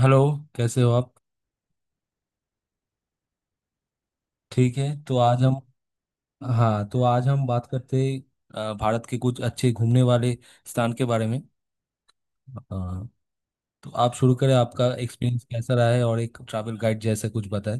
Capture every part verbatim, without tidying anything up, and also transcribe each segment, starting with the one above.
Hello. कैसे हो आप? ठीक है, तो आज हम... हाँ, तो आज हम बात करते अ, भारत के कुछ अच्छे घूमने वाले स्थान के बारे में। हाँ, तो आप शुरू करें, आपका एक्सपीरियंस कैसा रहा है और एक ट्रैवल गाइड जैसा कुछ बताएं।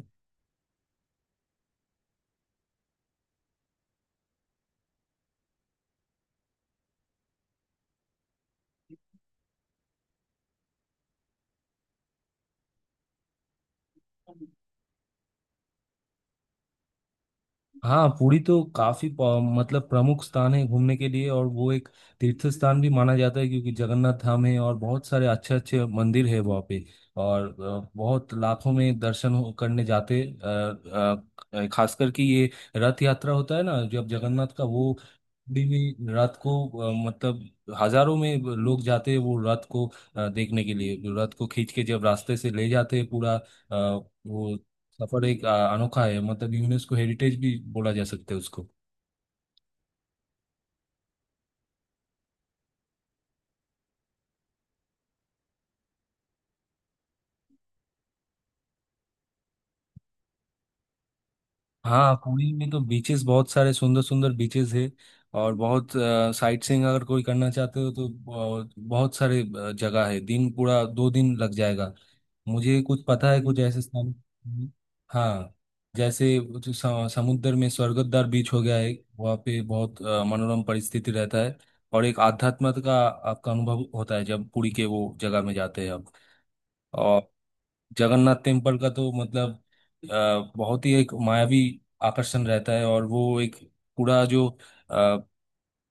हाँ, पुरी तो काफी प- मतलब प्रमुख स्थान है घूमने के लिए और वो एक तीर्थ स्थान भी माना जाता है क्योंकि जगन्नाथ धाम है और बहुत सारे अच्छे अच्छे मंदिर है वहाँ पे। और अ, बहुत लाखों में दर्शन हो- करने जाते अ, अ, खासकर कि ये रथ यात्रा होता है ना, जब जगन्नाथ का वो पुरी में रथ को अ, मतलब हजारों में लोग जाते हैं, वो रथ को अ, देखने के लिए रथ को खींच के जब रास्ते से ले जाते हैं पूरा अ, वो सफर एक आ, अनोखा है, मतलब यूनेस्को हेरिटेज भी बोला जा सकता है उसको। हाँ, पुरी में तो बीचेस बहुत सारे, सुंदर सुंदर बीचेस है और बहुत साइट सीइंग अगर कोई करना चाहते हो तो बहुत, बहुत सारे आ, जगह है, दिन पूरा दो दिन लग जाएगा। मुझे कुछ पता है कुछ ऐसे स्थान। हाँ, जैसे जो स- समुद्र में स्वर्गद्वार बीच हो गया है, वहाँ पे बहुत आ, मनोरम परिस्थिति रहता है और एक आध्यात्म का आपका अनुभव होता है जब पुरी के वो जगह में जाते हैं आप। जगन्नाथ टेम्पल का तो मतलब अ, बहुत ही एक मायावी आकर्षण रहता है और वो एक पूरा जो अ,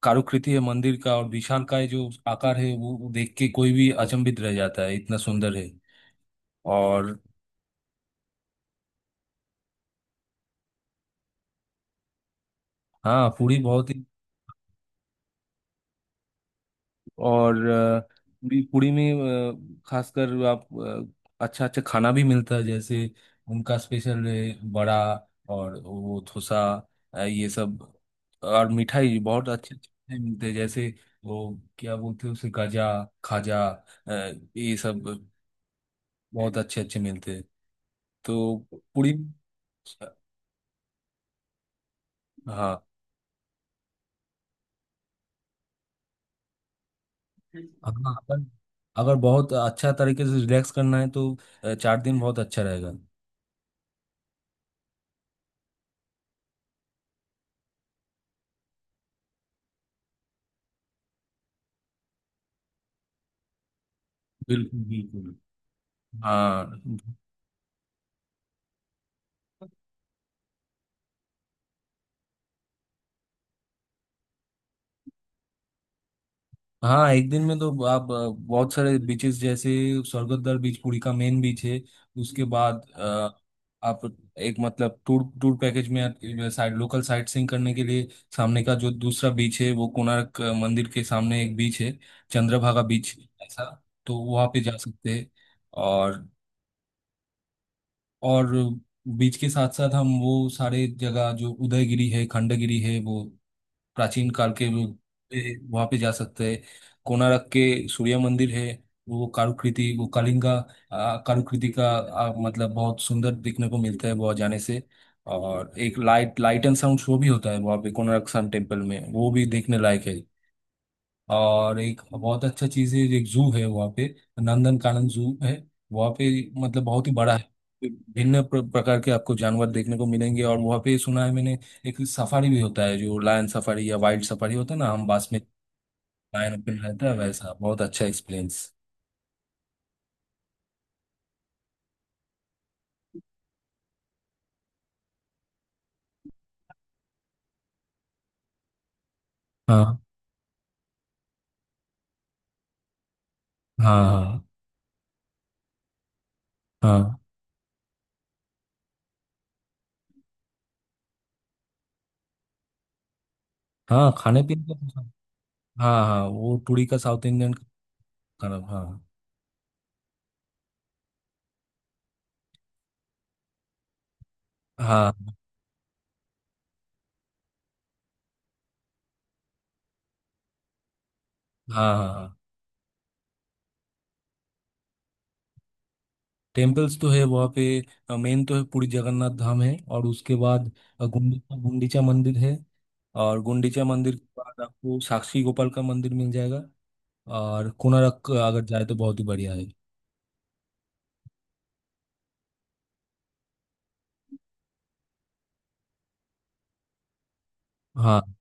कारुकृति है मंदिर का, और विशालकाय जो आकार है वो देख के कोई भी अचंभित रह जाता है, इतना सुंदर है। और हाँ, पुरी बहुत ही। और अ, भी पुरी में अ, खासकर आप अ, अच्छा अच्छा खाना भी मिलता है, जैसे उनका स्पेशल है बड़ा और वो थोसा अ, ये सब। और मिठाई, बहुत अच्छे अच्छे मिठाई मिलते हैं, जैसे वो क्या बोलते हैं उसे, गजा, खाजा अ, ये सब बहुत अच्छे अच्छे मिलते हैं। तो पुरी। हाँ, हाँ। अगर अगर बहुत अच्छा तरीके से रिलैक्स करना है तो अ, चार दिन बहुत अच्छा रहेगा। बिल्कुल बिल्कुल। हाँ हाँ। एक दिन में तो आप अ, बहुत सारे बीचेस, जैसे स्वर्गद्वार बीच पुरी का मेन बीच है, उसके बाद अ, आप एक मतलब टूर टूर पैकेज में साइड लोकल साइट सीइंग करने के लिए, सामने का जो दूसरा बीच है वो कोणार्क अ, मंदिर के सामने एक बीच है, चंद्रभागा बीच, ऐसा, तो वहाँ पे जा सकते हैं। और और बीच के साथ साथ हम वो सारे जगह जो उदयगिरी है, खंडगिरी है, वो प्राचीन काल के भी, वहां पे जा सकते हैं। कोणार्क के सूर्य मंदिर है, वो कारुकृति, वो कलिंगा आ, कारुकृति का आ, मतलब बहुत सुंदर देखने को मिलता है वहाँ जाने से। और एक light light and sound show भी होता है वहाँ पे कोणार्क सन टेम्पल में, वो भी देखने लायक है। और एक बहुत अच्छा चीज़ है, एक जू है वहाँ पे, नंदन कानन जू है वहाँ पे, मतलब बहुत ही बड़ा है। भिन्न प्र- प्रकार के आपको जानवर देखने को मिलेंगे और वहाँ पे, सुना है मैंने, एक सफारी भी होता है जो लायन सफारी या वाइल्ड सफारी होता है ना, हम बास में लायन ओपन रहता है, वैसा बहुत अच्छा एक्सपीरियंस। हाँ हाँ हाँ। हाँ हाँ। खाने पीने का, हाँ हाँ, वो टूरी का साउथ इंडियन खाना। हाँ, हाँ हाँ, हाँ। टेम्पल्स तो है वहाँ पे, मेन तो है पुरी जगन्नाथ धाम है और उसके बाद अ, गुंडी- गुंडीचा मंदिर है, और गुंडीचा मंदिर के बाद आपको साक्षी गोपाल का मंदिर मिल जाएगा। और कोणार्क अगर जाए तो बहुत ही बढ़िया है। हाँ,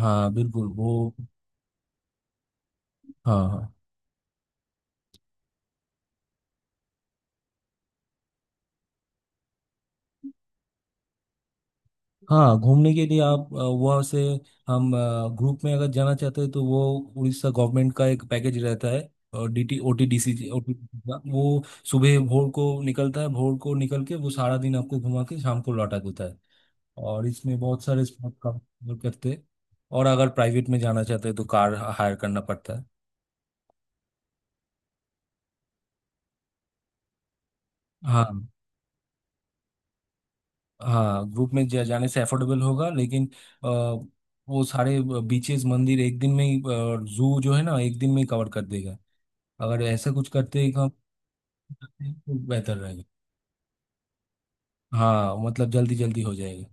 हाँ, बिल्कुल वो। हाँ हाँ हाँ, घूमने के लिए आप अ, वहाँ से हम ग्रुप में अगर जाना चाहते हैं तो वो उड़ीसा गवर्नमेंट का एक पैकेज रहता है, और D T O T D C, O T D C का वो, सुबह भोर को निकलता है, भोर को निकल के वो सारा दिन आपको घुमा के शाम को लौटा देता है, और इसमें बहुत सारे स्पॉट कवर करते हैं। और अगर प्राइवेट में जाना चाहते हैं तो कार हायर करना पड़ता है। हाँ, हाँ, ग्रुप में जा, जाने से अफोर्डेबल होगा, लेकिन अ, वो सारे बीचेस, मंदिर एक दिन में ही, जू जो है ना एक दिन में ही कवर कर देगा, अगर ऐसा कुछ करते ही काम करते हैं, तो बेहतर रहेगा। हाँ, मतलब जल्दी जल्दी हो जाएगा।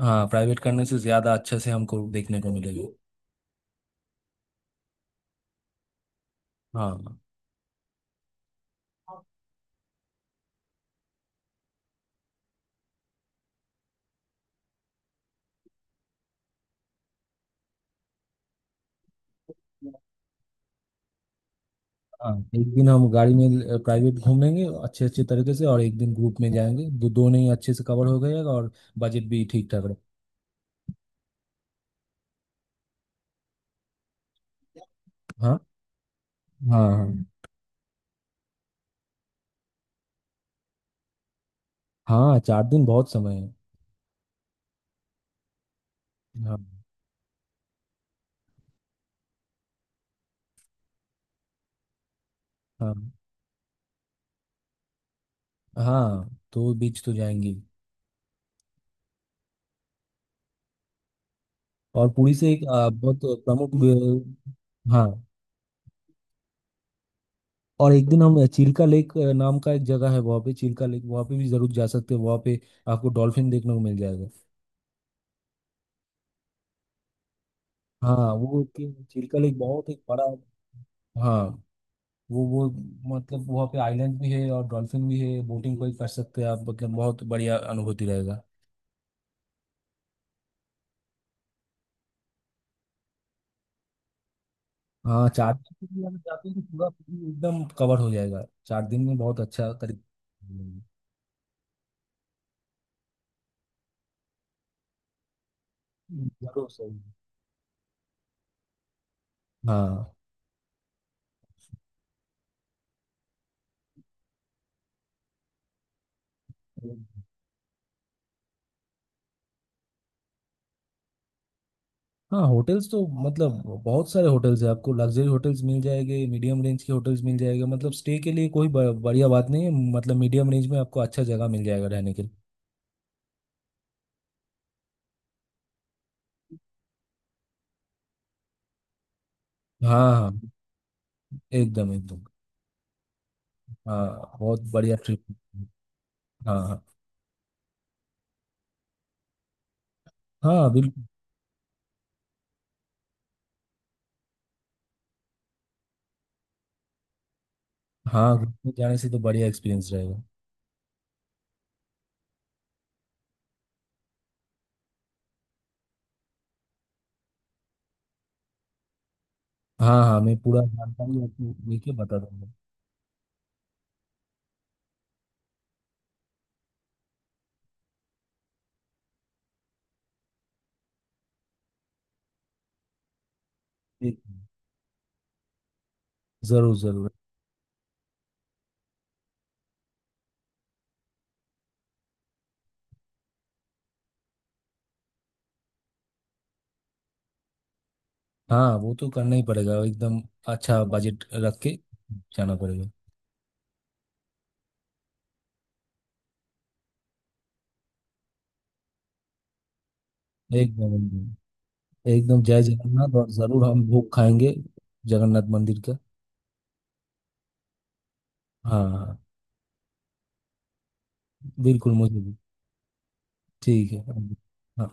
हाँ, प्राइवेट करने से ज़्यादा अच्छे से हमको देखने को मिलेगा। हाँ हाँ। एक दिन हम गाड़ी में प्राइवेट घूम लेंगे अच्छे अच्छे तरीके से, और एक दिन ग्रुप में जाएंगे, दो दोनों ही अच्छे से कवर हो गएगा और बजट भी ठीक ठाक रहे। हाँ, हाँ। हाँ, हाँ, चार दिन बहुत समय है। हाँ हाँ हाँ, तो बीच तो जाएंगे। और पुरी से एक आ, बहुत प्रमुख अ, हाँ। और एक दिन हम चिल्का लेक अ, नाम का एक जगह है वहाँ पे, चिल्का लेक वहाँ पे भी जरूर जा सकते हैं, वहाँ पे आपको डॉल्फिन देखने को मिल जाएगा। हाँ, वो कि- चिल्का लेक बहुत एक बड़ा। हाँ, वो वो मतलब वहाँ पे आइलैंड भी है और डॉल्फिन भी है, बोटिंग कोई कर सकते हैं आप, मतलब बहुत बढ़िया अनुभूति रहेगा। हाँ, चार चार दिन के लिए अगर जाते हैं तो पूरा एकदम कवर हो जाएगा चार दिन में, बहुत अच्छा तरीके। जरूर सही। हाँ। है। हाँ, होटल्स तो मतलब बहुत सारे होटल्स हैं, आपको लग्जरी होटल्स मिल जाएंगे, मीडियम रेंज के होटल्स मिल जाएंगे, मतलब स्टे के लिए कोई ब- बढ़िया बात नहीं है, मतलब मीडियम रेंज में आपको अच्छा जगह मिल जाएगा रहने के लिए। हाँ, हाँ। एकदम, एकदम। हाँ, बहुत बढ़िया ट्रिप। हाँ हाँ हाँ, बिल्कुल। हाँ, ग्रुप में जाने से तो बढ़िया एक्सपीरियंस रहेगा। हाँ, हाँ, मैं पूरा जानकारी आपको लेके बता दूंगा। ठीक है। जरूर जरूर। हाँ, वो तो करना ही पड़ेगा, एकदम अच्छा बजट रख के जाना पड़ेगा। एकदम, एकदम, एकदम, जय जगन्नाथ, और जरूर हम भोग खाएंगे जगन्नाथ मंदिर का। हाँ, हाँ, बिल्कुल, मुझे भी। ठीक है। हाँ।